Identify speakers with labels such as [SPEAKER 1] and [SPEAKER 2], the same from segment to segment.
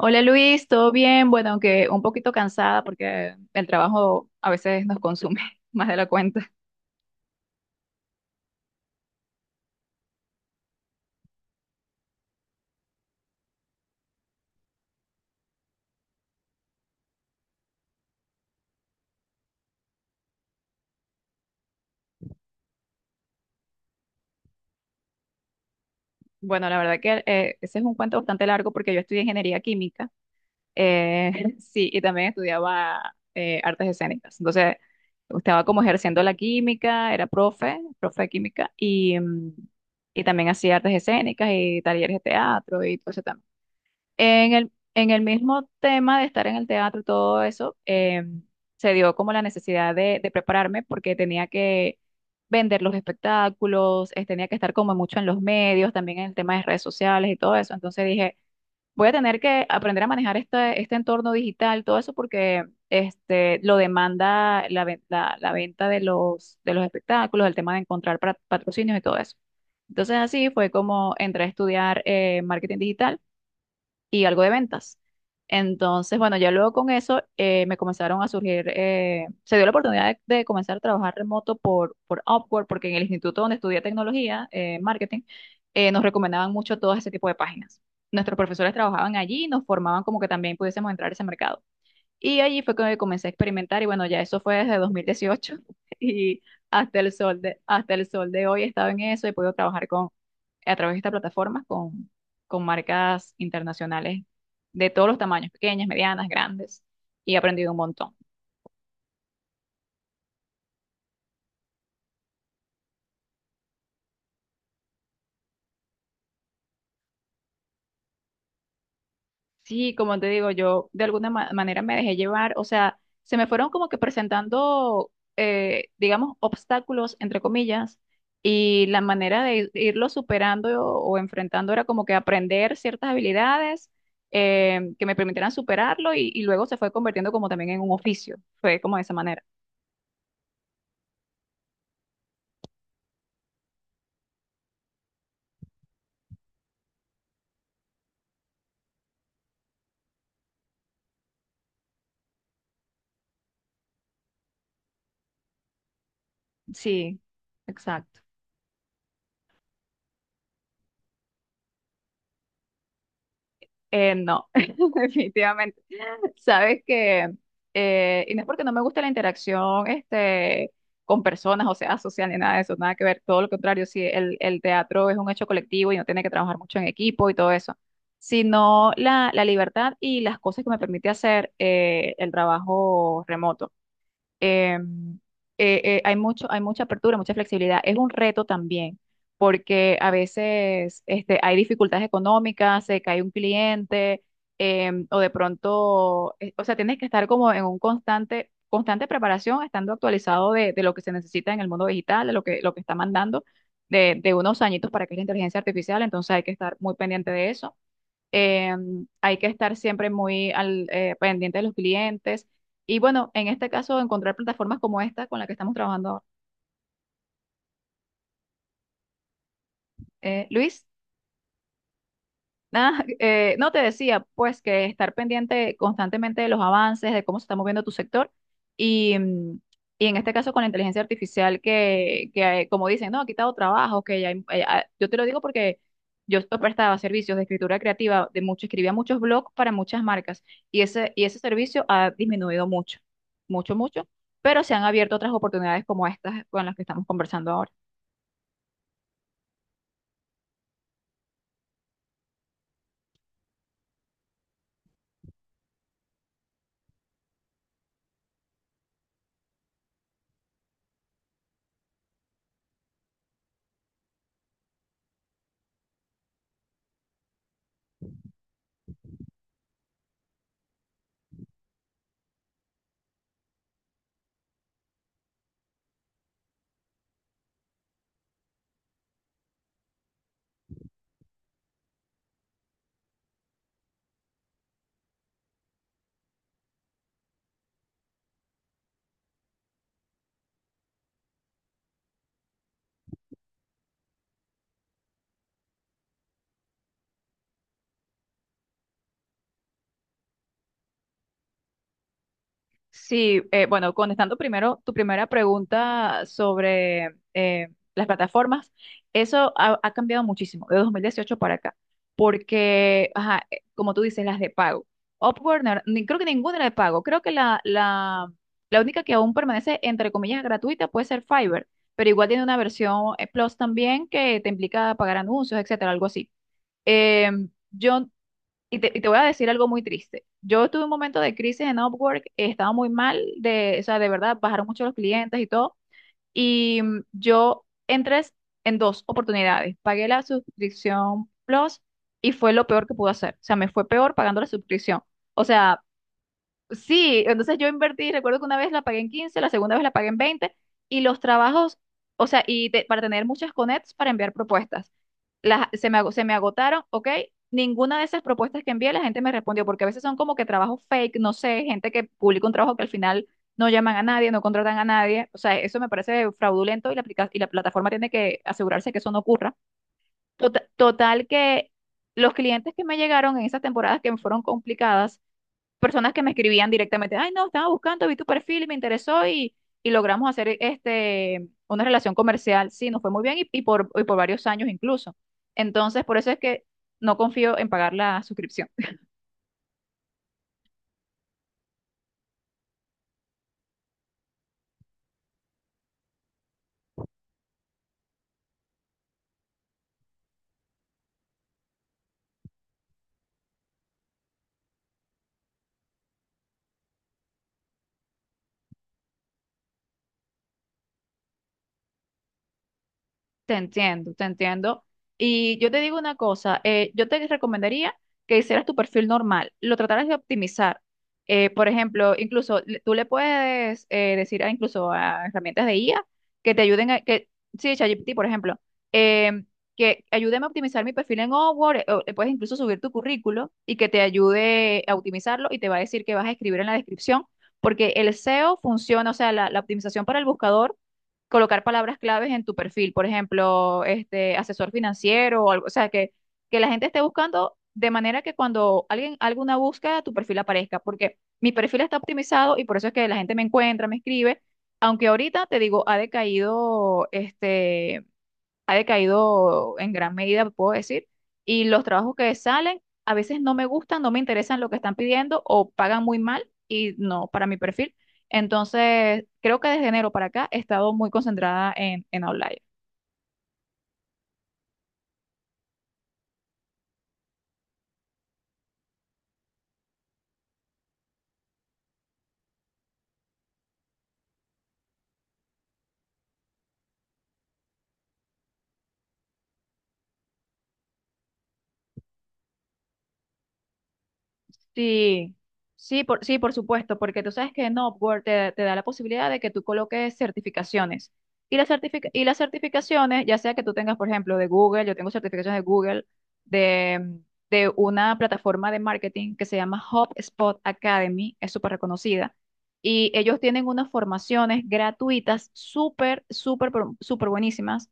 [SPEAKER 1] Hola Luis, ¿todo bien? Bueno, aunque un poquito cansada porque el trabajo a veces nos consume más de la cuenta. Bueno, la verdad que ese es un cuento bastante largo porque yo estudié ingeniería química, eh, sí, y también estudiaba artes escénicas. Entonces, estaba como ejerciendo la química, era profe de química, y también hacía artes escénicas y talleres de teatro y todo eso. En el mismo tema de estar en el teatro y todo eso, se dio como la necesidad de prepararme porque tenía que vender los espectáculos, tenía que estar como mucho en los medios, también en el tema de redes sociales y todo eso. Entonces dije, voy a tener que aprender a manejar este entorno digital, todo eso porque este, lo demanda la venta de de los espectáculos, el tema de encontrar patrocinios y todo eso. Entonces así fue como entré a estudiar marketing digital y algo de ventas. Entonces, bueno, ya luego con eso me comenzaron a surgir, se dio la oportunidad de comenzar a trabajar remoto por Upwork, porque en el instituto donde estudié tecnología, marketing, nos recomendaban mucho todo ese tipo de páginas. Nuestros profesores trabajaban allí y nos formaban como que también pudiésemos entrar a ese mercado. Y allí fue que comencé a experimentar y bueno, ya eso fue desde 2018 y hasta el sol de, hasta el sol de hoy he estado en eso, he podido trabajar a través de esta plataforma con marcas internacionales de todos los tamaños, pequeñas, medianas, grandes, y he aprendido un montón. Sí, como te digo, yo de alguna manera me dejé llevar, o sea, se me fueron como que presentando, digamos, obstáculos, entre comillas, y la manera de irlo superando o enfrentando era como que aprender ciertas habilidades. Que me permitieran superarlo y luego se fue convirtiendo como también en un oficio, fue como de esa manera. Sí, exacto. No, definitivamente. Sabes que, y no es porque no me gusta la interacción con personas, o sea, social ni nada de eso, nada que ver, todo lo contrario, si el teatro es un hecho colectivo y no tiene que trabajar mucho en equipo y todo eso, sino la libertad y las cosas que me permite hacer el trabajo remoto, em, hay mucho, hay mucha apertura, mucha flexibilidad. Es un reto también, porque a veces este, hay dificultades económicas, se cae un cliente, o de pronto, o sea, tienes que estar como en un constante preparación, estando actualizado de lo que se necesita en el mundo digital, de lo que está mandando, de unos añitos para que es la inteligencia artificial, entonces hay que estar muy pendiente de eso. eh, Hay que estar siempre muy al, pendiente de los clientes. Y bueno, en este caso, encontrar plataformas como esta con la que estamos trabajando. Luis. Ah, no te decía, pues que estar pendiente constantemente de los avances, de cómo se está moviendo tu sector y, mm, y en este caso con la inteligencia artificial que como dicen, no, ha quitado trabajo, que ya, yo te lo digo porque yo esto prestaba servicios de escritura creativa, de mucho, escribía muchos blogs para muchas marcas y ese servicio ha disminuido mucho, mucho, mucho, pero se han abierto otras oportunidades como estas con las que estamos conversando ahora. Sí, bueno, contestando primero tu primera pregunta sobre las plataformas, eso ha, ha cambiado muchísimo de 2018 para acá, porque, ajá, como tú dices, las de pago. Upwork, no era- ni, creo que ninguna era de pago, creo que la única que aún permanece, entre comillas, gratuita puede ser Fiverr, pero igual tiene una versión Plus también que te implica pagar anuncios, etcétera, algo así. Yo y te voy a decir algo muy triste. Yo tuve un momento de crisis en Upwork, estaba muy mal, de, o sea, de verdad, bajaron mucho los clientes y todo. Y yo entré en dos oportunidades. Pagué la suscripción Plus y fue lo peor que pude hacer. O sea, me fue peor pagando la suscripción. O sea, sí, entonces yo invertí, recuerdo que una vez la pagué en 15, la segunda vez la pagué en 20 y los trabajos, o sea, para tener muchas connects para enviar propuestas. Las, se me agotaron, ¿ok? Ninguna de esas propuestas que envié la gente me respondió porque a veces son como que trabajos fake, no sé, gente que publica un trabajo que al final no llaman a nadie, no contratan a nadie, o sea, eso me parece fraudulento y y la plataforma tiene que asegurarse que eso no ocurra. Total que los clientes que me llegaron en esas temporadas que me fueron complicadas, personas que me escribían directamente, ay, no, estaba buscando, vi tu perfil y me interesó y logramos hacer este, una relación comercial. Sí, nos fue muy bien y por varios años incluso. Entonces, por eso es que no confío en pagar la suscripción. Te entiendo, te entiendo. Y yo te digo una cosa, yo te recomendaría que hicieras tu perfil normal, lo trataras de optimizar. Por ejemplo, tú le puedes decir a, incluso a herramientas de IA que te ayuden sí, ChatGPT, por ejemplo, em, que ayúdeme a optimizar mi perfil en Upwork, o le puedes incluso subir tu currículo y que te ayude a optimizarlo y te va a decir que vas a escribir en la descripción, porque el SEO funciona, o sea, la optimización para el buscador, colocar palabras claves en tu perfil, por ejemplo, este asesor financiero o algo, o sea, que la gente esté buscando de manera que cuando alguien haga una búsqueda, tu perfil aparezca, porque mi perfil está optimizado y por eso es que la gente me encuentra, me escribe, aunque ahorita te digo, ha decaído en gran medida, puedo decir, y los trabajos que salen a veces no me gustan, no me interesan lo que están pidiendo o pagan muy mal y no para mi perfil. Entonces, creo que desde enero para acá he estado muy concentrada en Outlier. Sí, sí, por supuesto, porque tú sabes que en Upwork te da la posibilidad de que tú coloques certificaciones. Y las certificaciones, ya sea que tú tengas, por ejemplo, de Google, yo tengo certificaciones de Google, de, mm, de una plataforma de marketing que se llama HubSpot Academy, es súper reconocida. Y ellos tienen unas formaciones gratuitas, súper buenísimas,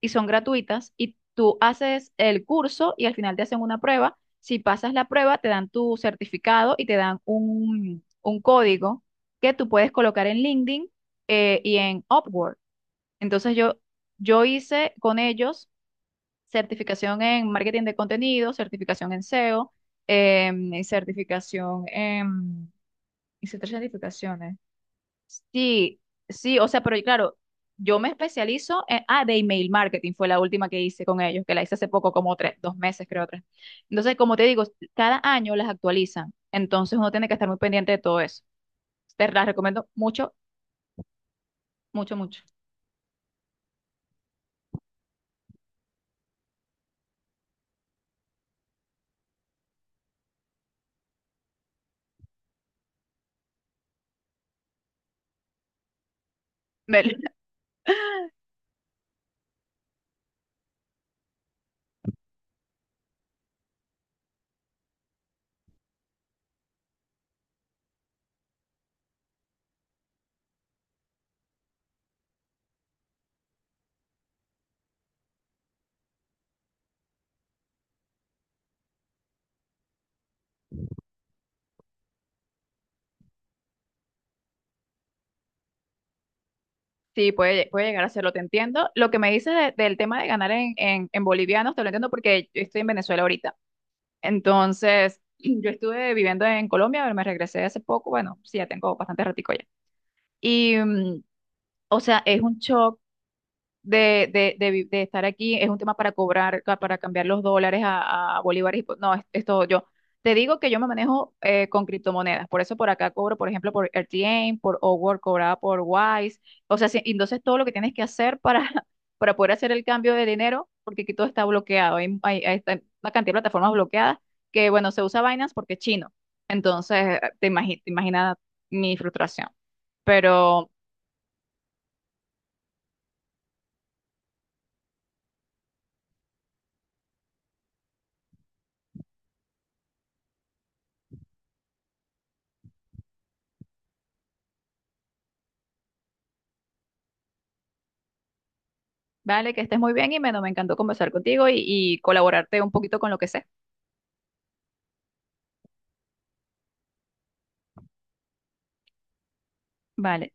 [SPEAKER 1] y son gratuitas. Y tú haces el curso y al final te hacen una prueba, si pasas la prueba, te dan tu certificado y te dan un código que tú puedes colocar en LinkedIn y en Upwork. Entonces yo hice con ellos certificación en marketing de contenido, certificación en SEO, y certificación en... Hice tres certificaciones. Sí, sí, o sea, pero claro, yo me especializo en, ah, de email marketing fue la última que hice con ellos, que la hice hace poco, como tres, dos meses, creo, tres. Entonces, como te digo, cada año las actualizan, entonces uno tiene que estar muy pendiente de todo eso. Te las recomiendo mucho, mucho, mucho. Del- Sí, puede, puede llegar a hacerlo. Te entiendo. Lo que me dices del tema de ganar en bolivianos, te lo entiendo porque yo estoy en Venezuela ahorita. Entonces, yo estuve viviendo en Colombia, pero me regresé hace poco, bueno, sí, ya tengo bastante ratico ya. Y o sea, es un shock de estar aquí, es un tema para cobrar, para cambiar los dólares a bolívares. No, es todo yo. Te digo que yo me manejo con criptomonedas, por eso por acá cobro, por ejemplo, por RTM, por Upwork, cobraba por Wise. O sea, sí, y entonces todo lo que tienes que hacer para, para poder hacer el cambio de dinero, porque aquí todo está bloqueado, hay una cantidad de plataformas bloqueadas que, bueno, se usa Binance porque es chino. Entonces, te imaginas mi frustración. Pero vale, que estés muy bien, Jimeno. Me encantó conversar contigo y colaborarte un poquito con lo que sé. Vale.